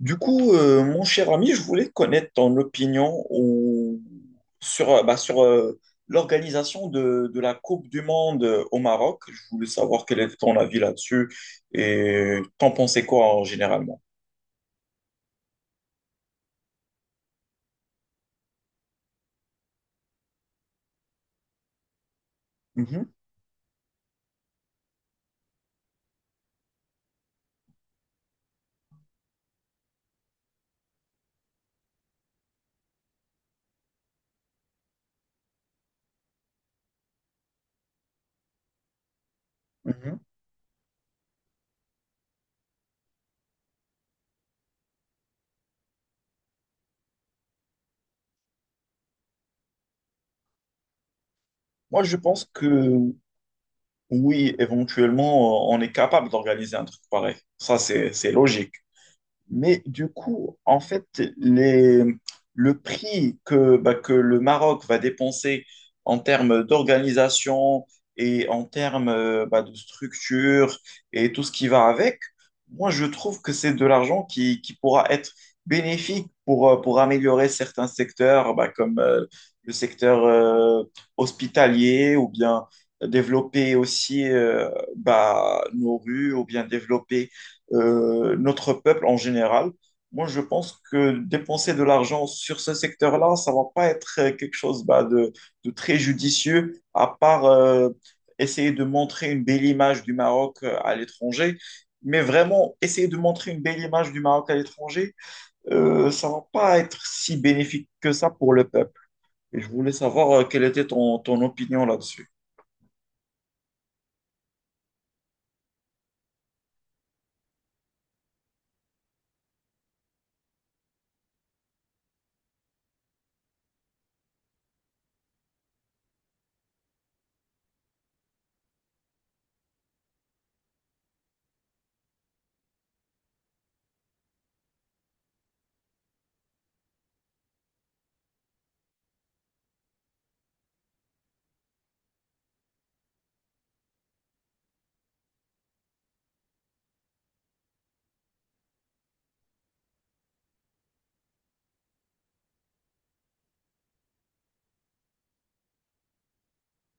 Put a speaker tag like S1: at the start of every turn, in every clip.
S1: Du coup, mon cher ami, je voulais connaître ton opinion sur l'organisation de la Coupe du Monde au Maroc. Je voulais savoir quel est ton avis là-dessus et t'en pensais quoi généralement? Mhm, mhm. Moi, je pense que oui, éventuellement, on est capable d'organiser un truc pareil. Ça, c'est logique. Mais du coup, en fait, les, le prix que, bah, que le Maroc va dépenser en termes d'organisation et en termes de structure et tout ce qui va avec, moi, je trouve que c'est de l'argent qui pourra être bénéfique pour améliorer certains secteurs, bah, comme le secteur hospitalier ou bien développer aussi nos rues ou bien développer notre peuple en général. Moi, je pense que dépenser de l'argent sur ce secteur-là, ça va pas être quelque chose de très judicieux, à part essayer de montrer une belle image du Maroc à l'étranger. Mais vraiment, essayer de montrer une belle image du Maroc à l'étranger, ça va pas être si bénéfique que ça pour le peuple. Et je voulais savoir quelle était ton opinion là-dessus.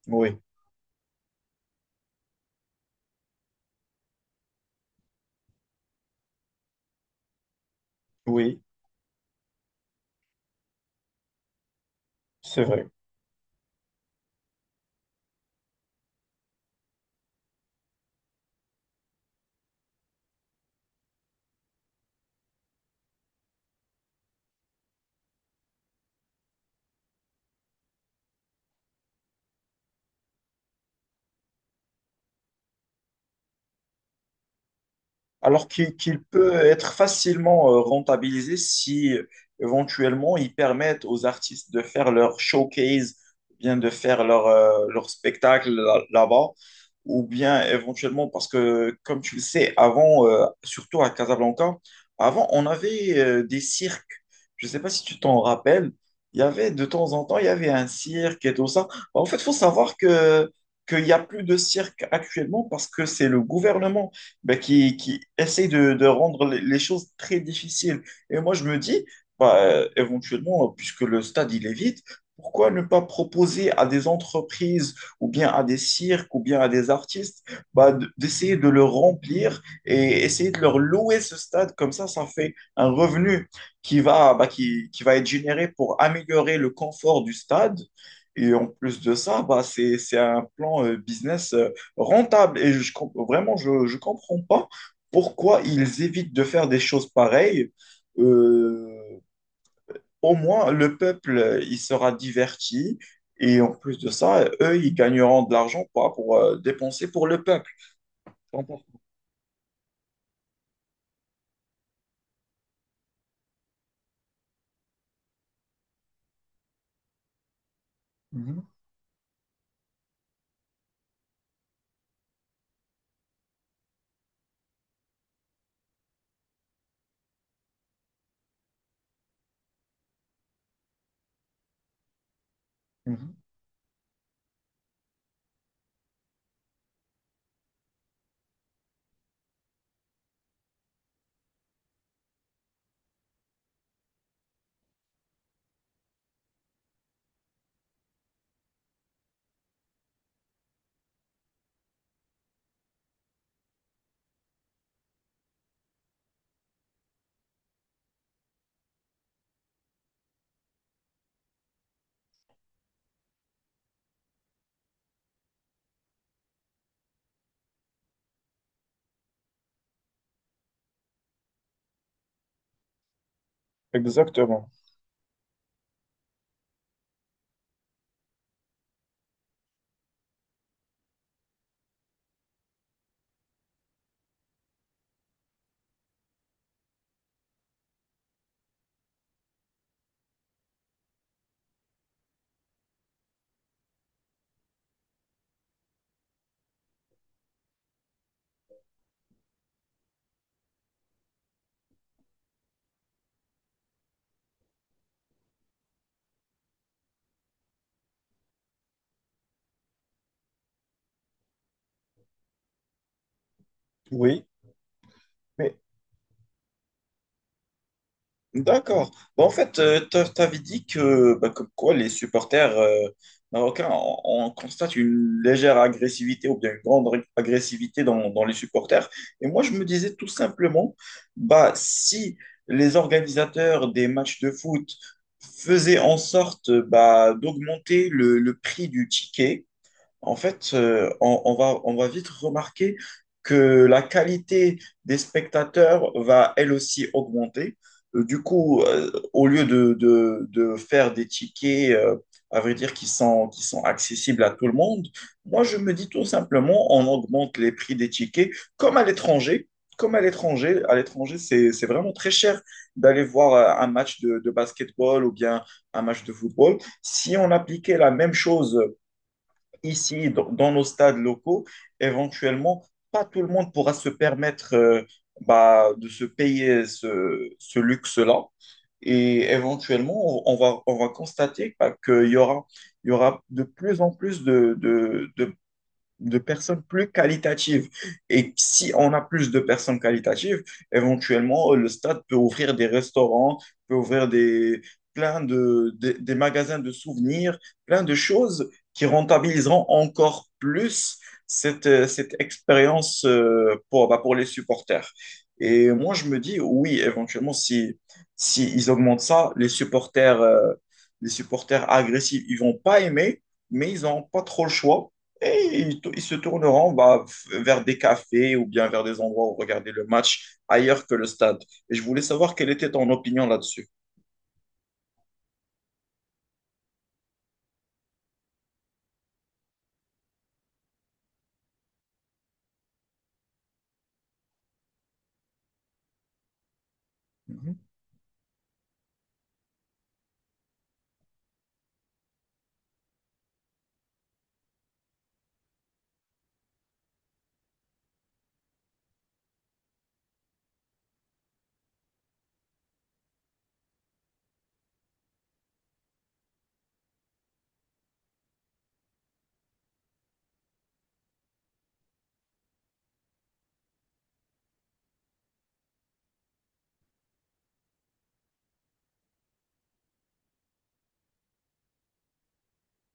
S1: Oui, oui, c'est vrai. Alors qu'il peut être facilement rentabilisé si éventuellement ils permettent aux artistes de faire leur showcase, bien de faire leur, leur spectacle là-bas, ou bien éventuellement, parce que comme tu le sais, avant, surtout à Casablanca, avant on avait des cirques. Je ne sais pas si tu t'en rappelles, il y avait de temps en temps, il y avait un cirque et tout ça. En fait, il faut savoir que qu'il n'y a plus de cirque actuellement parce que c'est le gouvernement bah, qui essaye de rendre les choses très difficiles. Et moi, je me dis, éventuellement, puisque le stade, il est vide, pourquoi ne pas proposer à des entreprises ou bien à des cirques ou bien à des artistes bah, d'essayer de le remplir et essayer de leur louer ce stade? Comme ça fait un revenu qui va, bah, qui va être généré pour améliorer le confort du stade. Et en plus de ça, bah, c'est un plan business rentable. Et vraiment, je ne comprends pas pourquoi ils évitent de faire des choses pareilles. Euh, Au moins, le peuple, il sera diverti. Et en plus de ça, eux, ils gagneront de l'argent pas pour dépenser pour le peuple. T'en penses- Mhm, mhm. Exactement. Oui, mais d'accord. Bah, en fait, t'avais dit que, bah, comme quoi les supporters marocains, on constate une légère agressivité ou bien une agressivité dans les supporters. Et moi, je me disais tout simplement, bah, si les organisateurs des matchs de foot faisaient en sorte d'augmenter le prix du ticket, en fait, on va vite remarquer que la qualité des spectateurs va elle aussi augmenter. Du coup, au lieu de, de faire des tickets, à vrai dire, qui sont accessibles à tout le monde, moi, je me dis tout simplement, on augmente les prix des tickets comme à l'étranger. À l'étranger, c'est vraiment très cher d'aller voir un match de basketball ou bien un match de football. Si on appliquait la même chose ici, dans nos stades locaux, éventuellement, pas tout le monde pourra se permettre de se payer ce luxe-là. Et éventuellement, on va constater bah, il y aura de plus en plus de personnes plus qualitatives. Et si on a plus de personnes qualitatives, éventuellement, le stade peut ouvrir des restaurants, peut ouvrir des, plein de, des magasins de souvenirs, plein de choses qui rentabiliseront encore plus cette, cette expérience pour les supporters. Et moi, je me dis, oui, éventuellement, si, si ils augmentent ça, les supporters agressifs, ils vont pas aimer, mais ils n'ont pas trop le choix et ils se tourneront vers des cafés ou bien vers des endroits où regarder le match ailleurs que le stade. Et je voulais savoir quelle était ton opinion là-dessus. Mhm,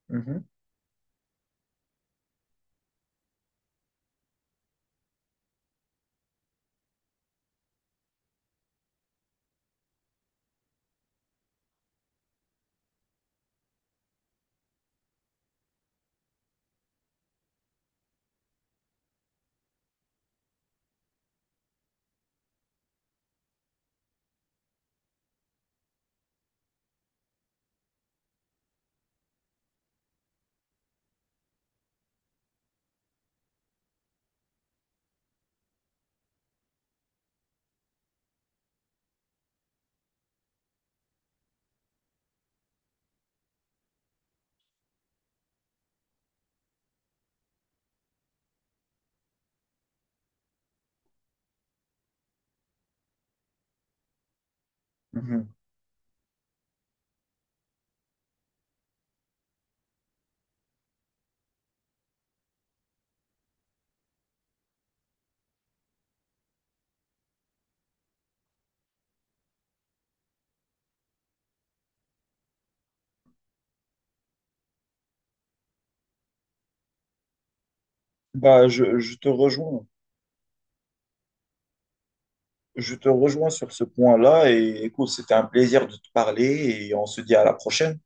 S1: mhm, mhm. Bah, je te rejoins. Je te rejoins sur ce point-là. Et écoute, c'était un plaisir de te parler et on se dit à la prochaine.